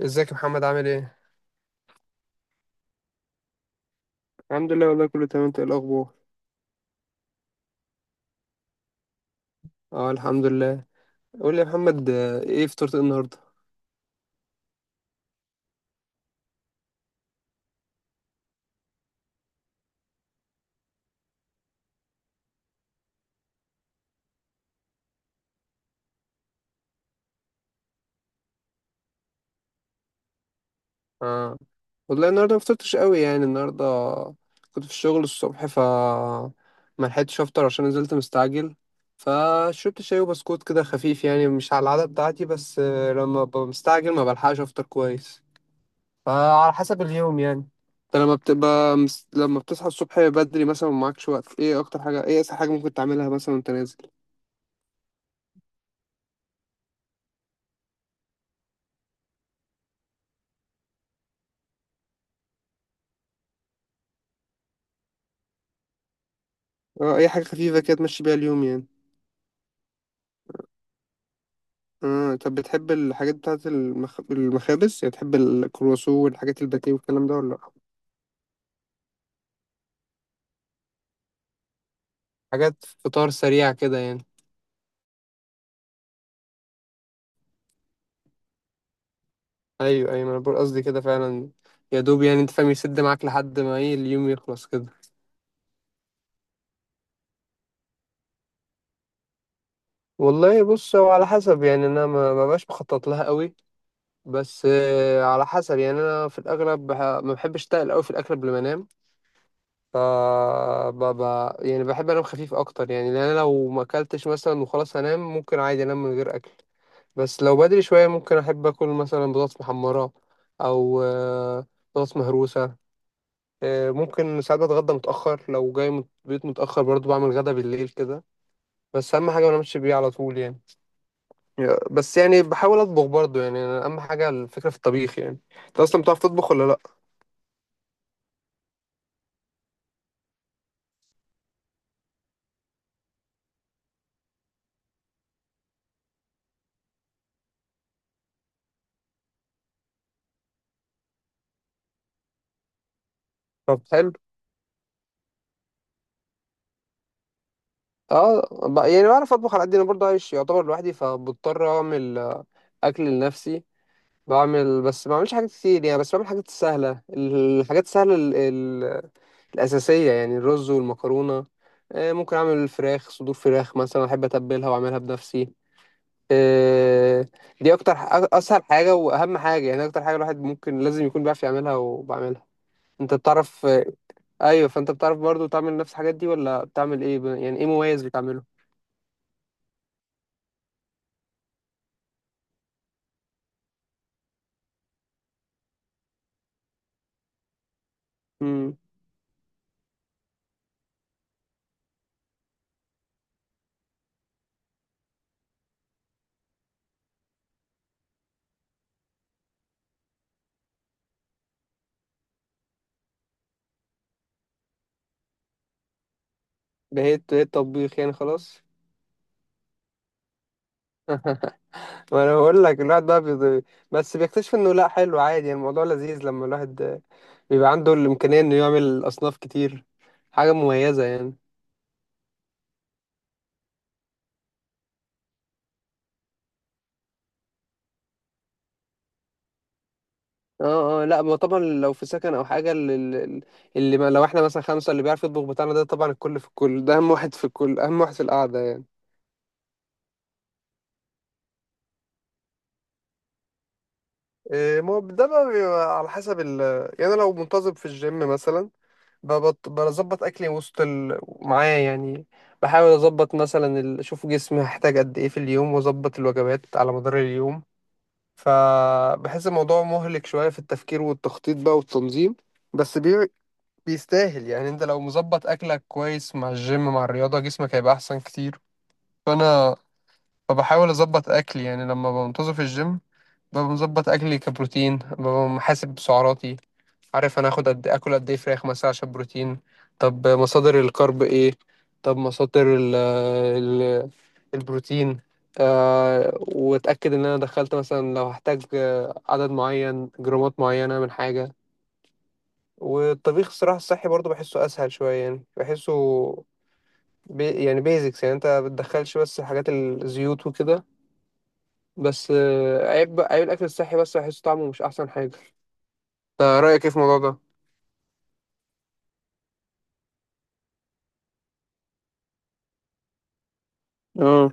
ازيك يا محمد، عامل ايه؟ الحمد لله، والله كله تمام. انت ايه الاخبار؟ اه، الحمد لله. قول لي يا محمد، آه، ايه فطرت ايه النهارده؟ اه، والله النهارده ما فطرتش قوي، يعني النهارده كنت في الشغل الصبح، ف ما لحقتش افطر عشان نزلت مستعجل. فشربت شاي وبسكوت كده خفيف، يعني مش على العادة بتاعتي، بس لما ببقى مستعجل ما بلحقش افطر كويس. فعلى حسب اليوم يعني. انت لما بتبقى لما بتصحى الصبح بدري مثلا ومعكش وقت، ايه اسهل حاجه ممكن تعملها مثلا وانت نازل؟ اه، اي حاجه خفيفه كده تمشي بيها اليوم يعني. اه، طب بتحب الحاجات بتاعه المخابز؟ يعني بتحب الكرواسون والحاجات الباتيه والكلام ده ولا لا؟ حاجات فطار سريع كده يعني. ايوه، ايوه، ما انا بقول قصدي كده فعلا، يا دوب يعني، انت فاهم، يسد معاك لحد ما ايه، اليوم يخلص كده. والله بص، هو على حسب يعني، انا ما بقاش مخطط لها قوي، بس على حسب. يعني انا في الاغلب ما بحبش اتقل قوي في الاكل قبل ما انام. ف ب... ب... يعني بحب انام خفيف اكتر، يعني لان انا لو ما اكلتش مثلا وخلاص هنام، ممكن عادي انام من غير اكل. بس لو بدري شويه ممكن احب اكل مثلا بطاطس محمره، او بطاطس مهروسه. ممكن ساعات بتغدى متاخر، لو جاي من البيت متاخر برضو بعمل غدا بالليل كده، بس اهم حاجه ما انامش بيه على طول يعني. بس يعني بحاول اطبخ برضو، يعني أنا اهم حاجه الفكره في الطبيخ يعني. انت اصلا بتعرف تطبخ ولا لا؟ طب حلو. اه، يعني بعرف اطبخ على قد انا برضه عايش يعتبر لوحدي، فبضطر اعمل اكل لنفسي. بعمل، بس ما بعملش حاجات كتير يعني، بس بعمل حاجات سهله، الحاجات السهله الاساسيه، يعني الرز والمكرونه. ممكن اعمل صدور فراخ مثلا احب اتبلها واعملها بنفسي. آه، دي اكتر اسهل حاجه واهم حاجه، يعني اكتر حاجه الواحد ممكن لازم يكون بيعرف يعملها، وبعملها. انت بتعرف؟ ايوه، فانت بتعرف برضه تعمل نفس الحاجات دي ولا بتعمل ايه؟ يعني ايه مميز بتعمله؟ بقيت طبيخ يعني خلاص. ما انا بقول لك الواحد بقى بس بيكتشف انه لا، حلو عادي، يعني الموضوع لذيذ لما الواحد بيبقى عنده الامكانيه انه يعمل اصناف كتير، حاجه مميزه يعني. اه، اه، لا، ما طبعا، لو في سكن او حاجه اللي، اللي ما لو احنا مثلا خمسه اللي بيعرف يطبخ بتاعنا ده طبعا الكل في الكل، ده اهم واحد في الكل، اهم واحد في القعده يعني. إيه، ما هو ده بقى بيبقى على حسب ال... يعني أنا لو منتظم في الجيم مثلا، بظبط أكلي وسط معايا يعني. بحاول أظبط مثلا أشوف جسمي هحتاج قد إيه في اليوم، وأظبط الوجبات على مدار اليوم. فبحس الموضوع مهلك شوية في التفكير والتخطيط بقى والتنظيم. بس بيستاهل، يعني أنت لو مظبط أكلك كويس مع الجيم مع الرياضة، جسمك هيبقى أحسن كتير. فأنا، فبحاول أظبط أكلي، يعني لما بنتظم في الجيم ببقى مظبط اكلي كبروتين، ببقى محاسب سعراتي، عارف انا اخد قد إيه، اكل قد ايه فراخ مثلا عشان بروتين، طب مصادر الكرب ايه، طب مصادر ال البروتين، آه، واتاكد ان انا دخلت مثلا لو هحتاج عدد معين، جرامات معينه من حاجه. والطبيخ الصراحه الصحي برضو بحسه اسهل شويه، يعني بحسه يعني بيزكس، يعني انت بتدخلش بس حاجات الزيوت وكده، بس عيب، عيب الاكل الصحي، بس بحسه طعمه مش احسن حاجه. انت رأيك ايه في الموضوع ده؟ اه.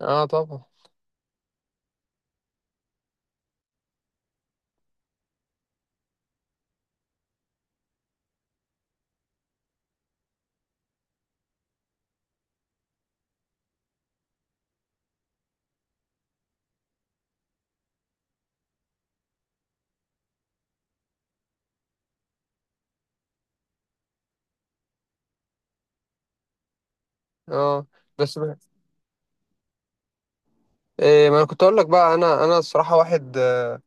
اه، طبعا. اه، بس إيه، ما انا كنت اقول لك بقى، انا الصراحه واحد،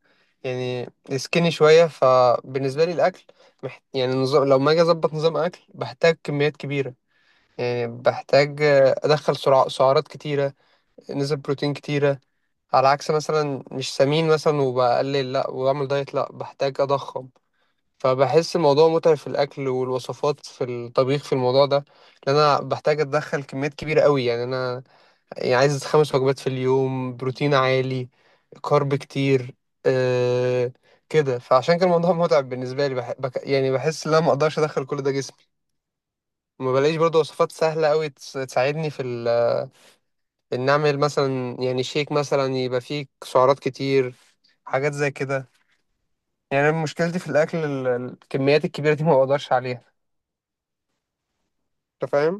يعني سكيني شويه. فبالنسبه لي الاكل يعني نظام، لو ما اجي اظبط نظام اكل بحتاج كميات كبيره، يعني بحتاج ادخل سعرات كتيره، نسب بروتين كتيره، على عكس مثلا مش سمين مثلا وبقلل، لا، واعمل دايت، لا، بحتاج اضخم. فبحس الموضوع متعب في الاكل والوصفات في الطبيخ في الموضوع ده، لان انا بحتاج اتدخل كميات كبيره قوي، يعني انا يعني عايز 5 وجبات في اليوم، بروتين عالي، كارب كتير، آه، كده. فعشان كان الموضوع متعب بالنسبه لي، يعني بحس ان انا ما اقدرش ادخل كل ده جسمي، ما بلاقيش برضه وصفات سهله قوي تساعدني في ان اعمل مثلا يعني شيك مثلا يبقى فيه سعرات كتير، حاجات زي كده. يعني أنا مشكلتي في الاكل الكميات الكبيره دي ما بقدرش عليها، انت فاهم.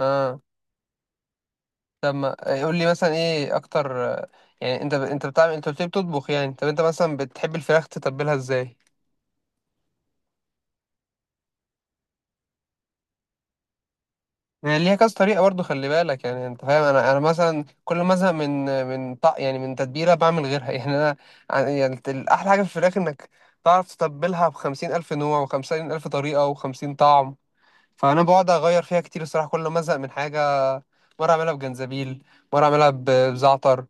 اه، طب ما قول لي مثلا ايه اكتر، يعني انت بتعمل، انت قلت لي بتطبخ يعني، طب انت مثلا بتحب الفراخ تتبلها ازاي؟ يعني ليها كذا طريقه برضو، خلي بالك يعني، انت فاهم، انا مثلا كل ما ازهق من من طق يعني من تتبيله بعمل غيرها يعني انا، يعني الاحلى حاجه في الفراخ انك تعرف تتبلها بخمسين الف نوع، وخمسين الف طريقه، وخمسين طعم. فانا بقعد اغير فيها كتير الصراحه، كل ما ازهق من حاجه، مرة أعملها بجنزبيل، مرة أعملها بزعتر،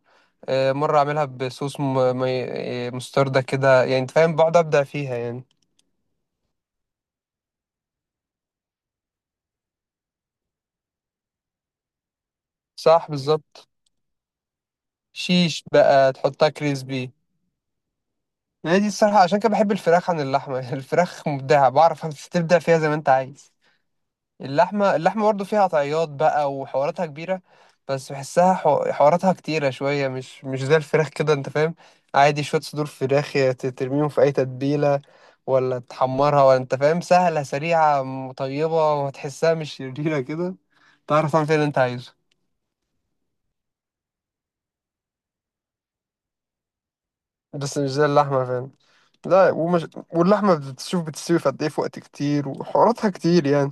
مرة أعملها بصوص مستردة كده، يعني أنت فاهم، بقعد أبدع فيها يعني. صح، بالظبط. شيش بقى، تحطها كريسبي. هي دي الصراحة عشان كده بحب الفراخ عن اللحمة الفراخ مبدعة، بعرف تبدع فيها زي ما أنت عايز. اللحمة برضه فيها طعيات بقى وحواراتها كبيرة، بس بحسها حواراتها كتيرة شوية، مش زي الفراخ كده، انت فاهم. عادي شوية صدور فراخ، يا ترميهم في أي تتبيلة، ولا تحمرها، ولا، انت فاهم، سهلة، سريعة، طيبة، وهتحسها مش شريرة كده، تعرف تعمل فيها اللي انت عايزه، بس مش زي اللحمة فاهم. لا، ومش، واللحمة بتشوف بتستوي في قد ايه في وقت كتير وحواراتها كتير يعني.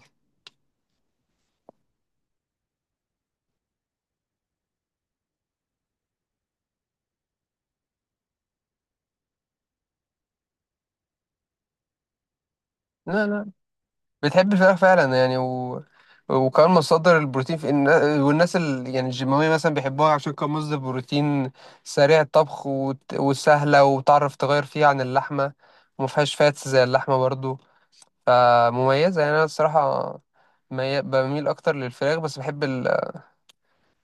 لا، لا، بتحب الفراخ فعلا يعني، و... وكمان مصدر البروتين في والناس يعني الجيماوية مثلا بيحبوها عشان كان مصدر بروتين سريع الطبخ، وسهلة، وتعرف تغير فيها عن اللحمة، وما فيهاش فاتس زي اللحمة برضو، فمميزة يعني. أنا الصراحة بميل أكتر للفراخ، بس بحب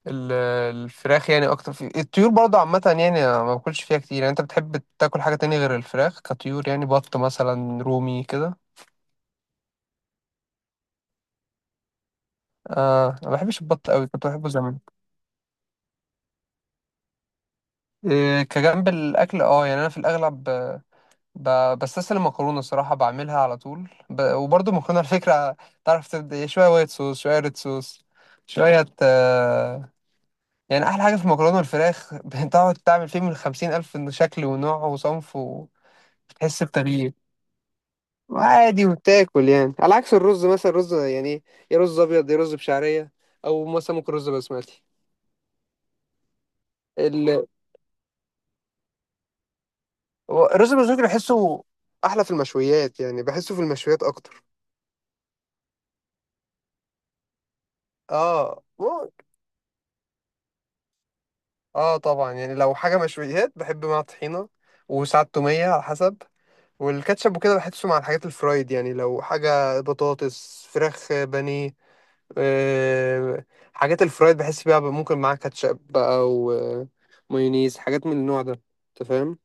ال... الفراخ يعني أكتر في الطيور برضو عامة، يعني أنا ما باكلش فيها كتير يعني. أنت بتحب تاكل حاجة تانية غير الفراخ كطيور، يعني بط مثلا، رومي كده؟ آه، أنا ما بحبش البط أوي، كنت بحبه زمان. إيه كجنب الاكل، اه، يعني انا في الاغلب بستسلم مكرونه الصراحه، بعملها على طول. وبرضه مكرونه الفكره تعرف تبدا، إيه، شويه وايت صوص، شويه ريد صوص، شويه، يعني احلى حاجه في المكرونه والفراخ بتقعد تعمل فيه من خمسين الف شكل ونوع وصنف، وتحس بتغيير، وعادي، وبتاكل، يعني على عكس الرز مثلا. الرز يعني يا رز ابيض، يا رز بشعريه، او مثلا ممكن رز بسمتي. ال- الرز البسمتي بحسه احلى في المشويات يعني، بحسه في المشويات اكتر. اه، ممكن. اه، طبعا، يعني لو حاجه مشويات بحب مع طحينه، وساعات توميه، على حسب. والكاتشب وكده بحسه مع الحاجات الفرايد، يعني لو حاجه بطاطس، فراخ، بانيه، آه، حاجات الفرايد بحس بيها بقى ممكن معاها كاتشب بقى، ومايونيز، حاجات من النوع ده، انت فاهم.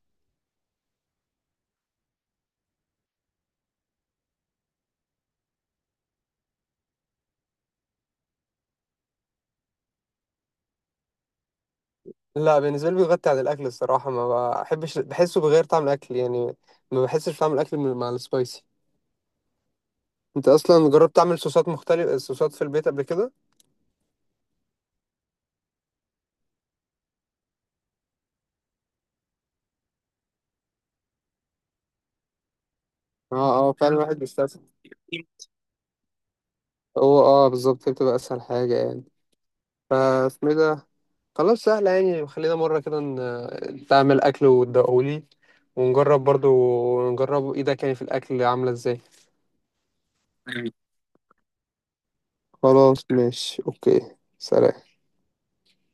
لا، بالنسبه لي بيغطي عن الاكل الصراحه، ما بحبش، بحسه بغير طعم الاكل يعني، ما بحسش طعم الاكل مع السبايسي. انت اصلا جربت تعمل صوصات مختلفه، صوصات في البيت قبل كده؟ اه، اه، فعلا، الواحد بيستسهل. هو اه بالظبط، هي بتبقى اسهل حاجة يعني، فاسمه إيه ده، خلاص سهلة يعني. خلينا مرة كده تعمل اكل وتدوقهولي، ونجرب برضو، نجرب ايدك يعني في الاكل عاملة ازاي. خلاص، ماشي، اوكي، سلام.